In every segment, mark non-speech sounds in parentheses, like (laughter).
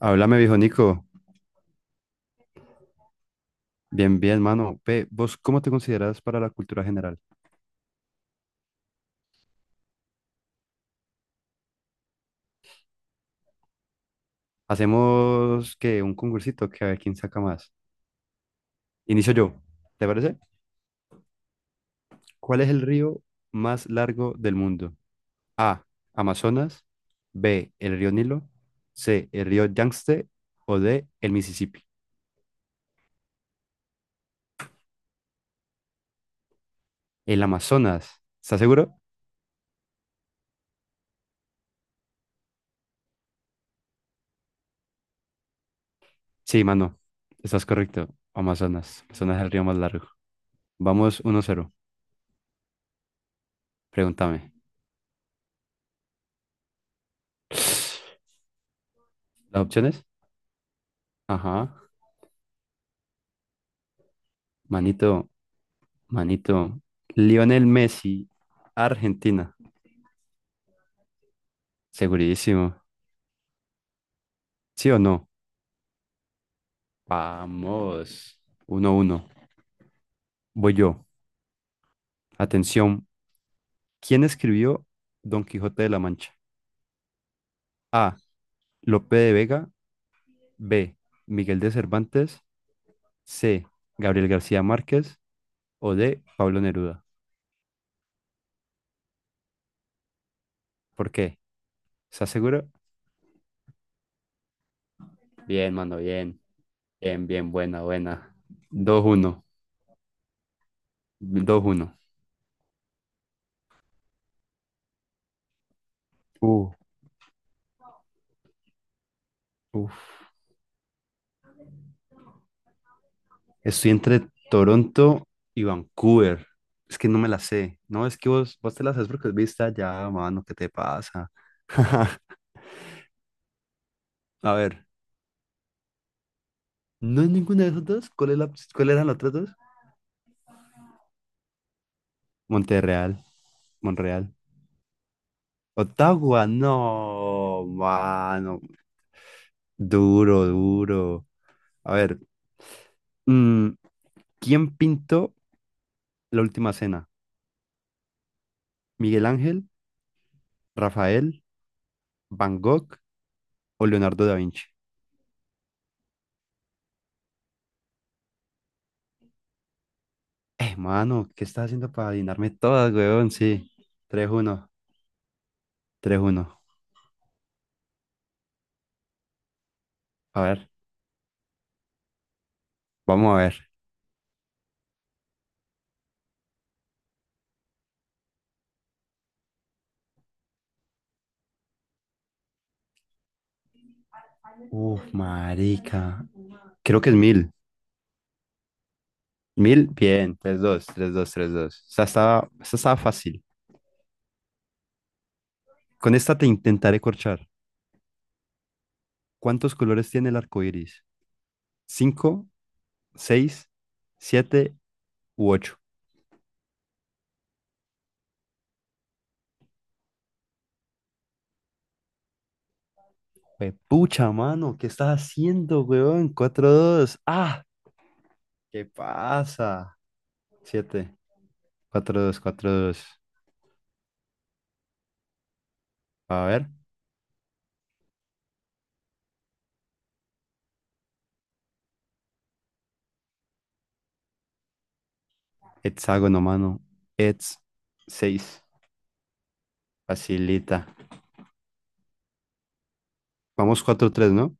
Háblame, viejo Nico. Bien, bien, mano. Ve, ¿vos cómo te consideras para la cultura general? Hacemos que un concursito, que a ver quién saca más. Inicio yo. ¿Te parece? ¿Cuál es el río más largo del mundo? A. Amazonas. B. El río Nilo. C. El río Yangtze. O D. El Mississippi. El Amazonas. ¿Estás seguro? Sí, mano. Estás correcto. Amazonas. Amazonas es el río más largo. Vamos uno cero. Pregúntame. (sniffs) ¿Las opciones? Ajá. Manito, manito. Lionel Messi, Argentina. Segurísimo. ¿Sí o no? Vamos uno uno. Voy yo. Atención. ¿Quién escribió Don Quijote de la Mancha? A. Lope de Vega. B. Miguel de Cervantes. C. Gabriel García Márquez. O D. Pablo Neruda. ¿Por qué? ¿Estás seguro? Bien, mano, bien. Bien, bien, buena, buena. Dos uno, dos uno. Uh, uf. Estoy entre Toronto y Vancouver. Es que no me la sé. No, es que vos te la sabes porque viste allá, mano, ¿qué te pasa? (laughs) A ver, ¿no es ninguna de esas dos? ¿Cuál es la, cuál eran las otras dos? Monterreal, Monreal. Ottawa, no, mano. Duro, duro. A ver, mm, ¿quién pintó La Última Cena? ¿Miguel Ángel, Rafael, Van Gogh o Leonardo da Vinci? Mano, ¿qué estás haciendo para adivinarme todas, weón? Sí. Tres uno, tres uno. A ver, vamos a ver. Uf, marica. Creo que es mil. Mil, bien. Tres dos, tres dos, tres dos. Esta estaba fácil. Con esta te intentaré corchar. ¿Cuántos colores tiene el arco iris? ¿Cinco, seis, siete u ocho? Pucha, mano, ¿qué estás haciendo, weón? Cuatro dos. Ah, ¿qué pasa? Siete, cuatro dos, cuatro dos. A ver. Hexágono, mano. Hex seis. Facilita. Vamos cuatro tres, ¿no?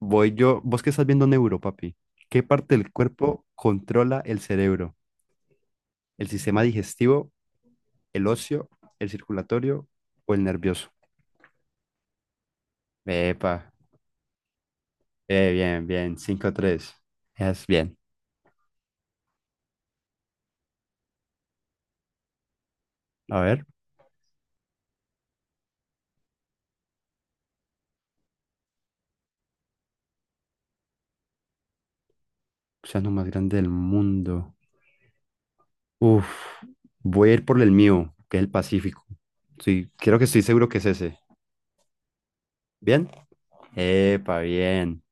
Voy yo. ¿Vos qué estás viendo neuro, papi? ¿Qué parte del cuerpo controla el cerebro? ¿El sistema digestivo, el óseo, el circulatorio o el nervioso? Epa. Bien, bien. Cinco tres. Es bien. A ver. Océano más grande del mundo. Uf. Voy a ir por el mío, que es el Pacífico. Sí, creo que estoy seguro que es ese. ¿Bien? Epa, bien.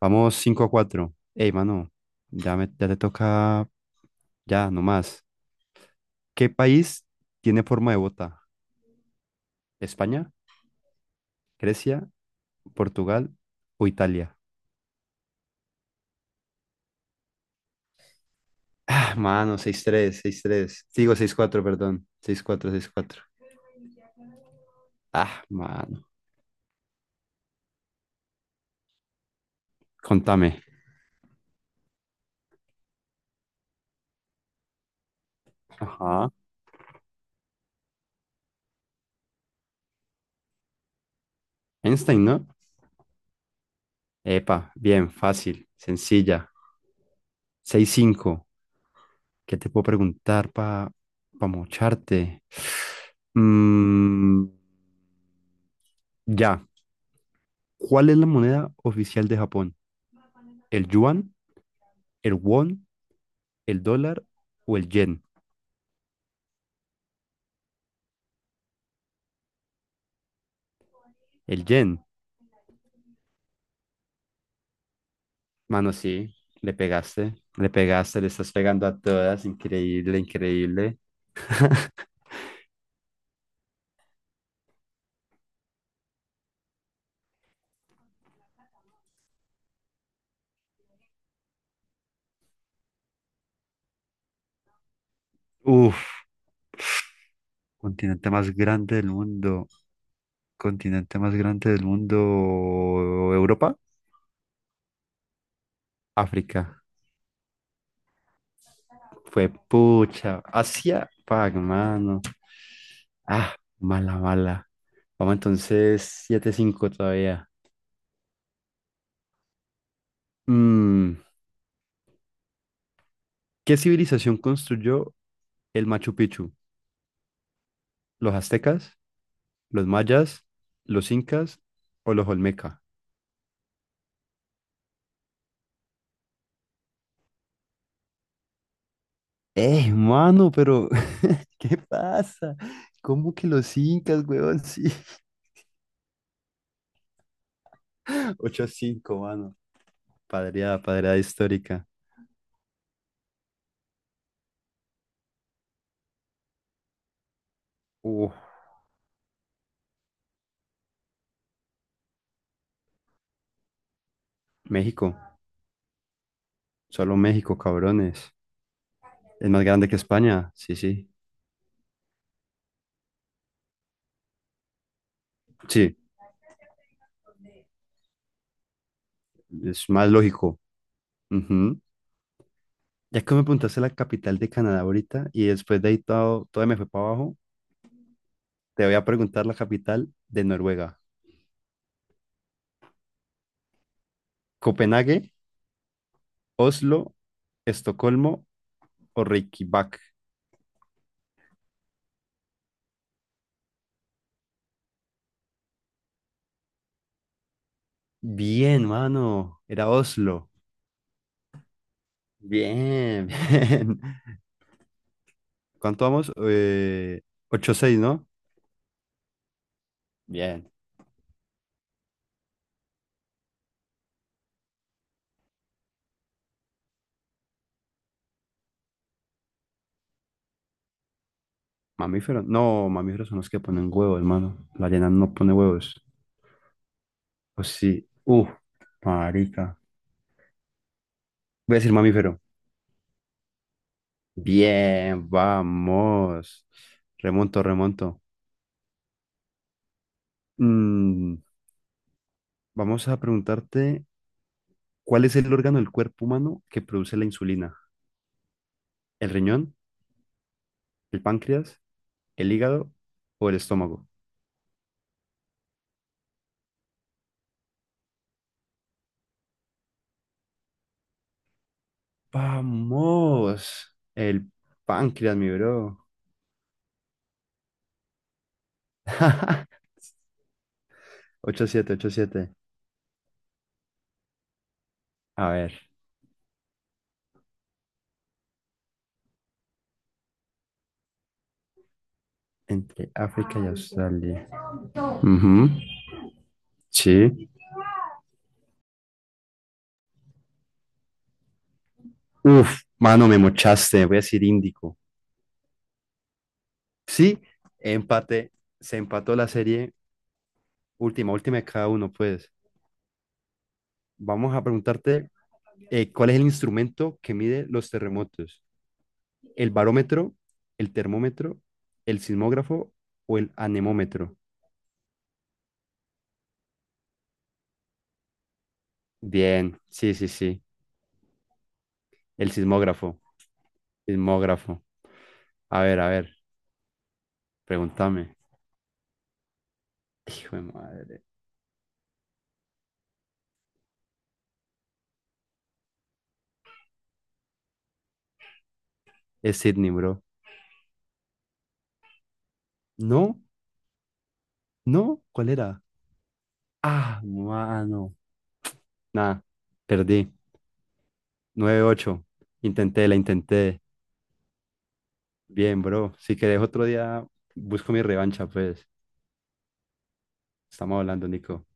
Vamos 5 a cuatro. Ey, mano, ya, ya te toca, ya, nomás. ¿Qué país tiene forma de bota? ¿España, Grecia, Portugal o Italia? Ah, mano, seis tres, seis tres. Digo seis cuatro, perdón. Seis cuatro, seis cuatro. Ah, mano. Contame. Ajá. Einstein, ¿no? Epa, bien, fácil, sencilla. Seis cinco. ¿Qué te puedo preguntar para mocharte? Mm, ya. ¿Cuál es la moneda oficial de Japón? ¿El yuan, el won, el dólar o el yen? El yen. Mano, sí, le pegaste, le pegaste, le estás pegando a todas. Increíble, increíble. Uf, continente más grande del mundo. Continente más grande del mundo. ¿Europa? África. Fue pucha. Asia. Fuck, mano. Ah, mala, mala. Vamos entonces 7 cinco todavía. Mm, ¿Qué civilización construyó el Machu Picchu? ¿Los aztecas, los mayas, los incas o los olmeca? Mano, pero (laughs) ¿qué pasa? ¿Cómo que los incas, weón? Sí. (laughs) Ocho a cinco, mano. Padreada, padreada histórica. Uf, México, solo México, cabrones. Es más grande que España, sí, sí. Sí, es más lógico. Ujú. Ya que me preguntaste la capital de Canadá ahorita y después de ahí todo, todo me fue para abajo, te voy a preguntar la capital de Noruega. Copenhague, Oslo, Estocolmo o Reykjavik. Bien, mano. Era Oslo. Bien, (laughs) bien. ¿Cuánto vamos? 8-6, ¿no? Bien. Mamíferos. No, mamíferos son los que ponen huevos, hermano. La arena no pone huevos. O sí. Marica. Voy a decir mamífero. Bien, vamos. Remonto, remonto. Mm, vamos a preguntarte, ¿cuál es el órgano del cuerpo humano que produce la insulina? ¿El riñón, el páncreas, el hígado o el estómago? Vamos, el páncreas, mi bro. (laughs) Ocho siete, ocho siete. A ver, entre África y Australia. Ujú. Sí. Uf, mano, me mochaste, voy a decir Índico. Sí, empate, se empató la serie última, última de cada uno, pues. Vamos a preguntarte, ¿cuál es el instrumento que mide los terremotos? El barómetro, el termómetro, el sismógrafo o el anemómetro. Bien, sí, sí, sí. El sismógrafo, sismógrafo. A ver, pregúntame. Hijo de madre. Es Sydney, bro. No, no, ¿cuál era? Ah, mano. Nada, perdí. Nueve ocho. Intenté, la intenté. Bien, bro. Si querés otro día, busco mi revancha, pues. Estamos hablando, Nico.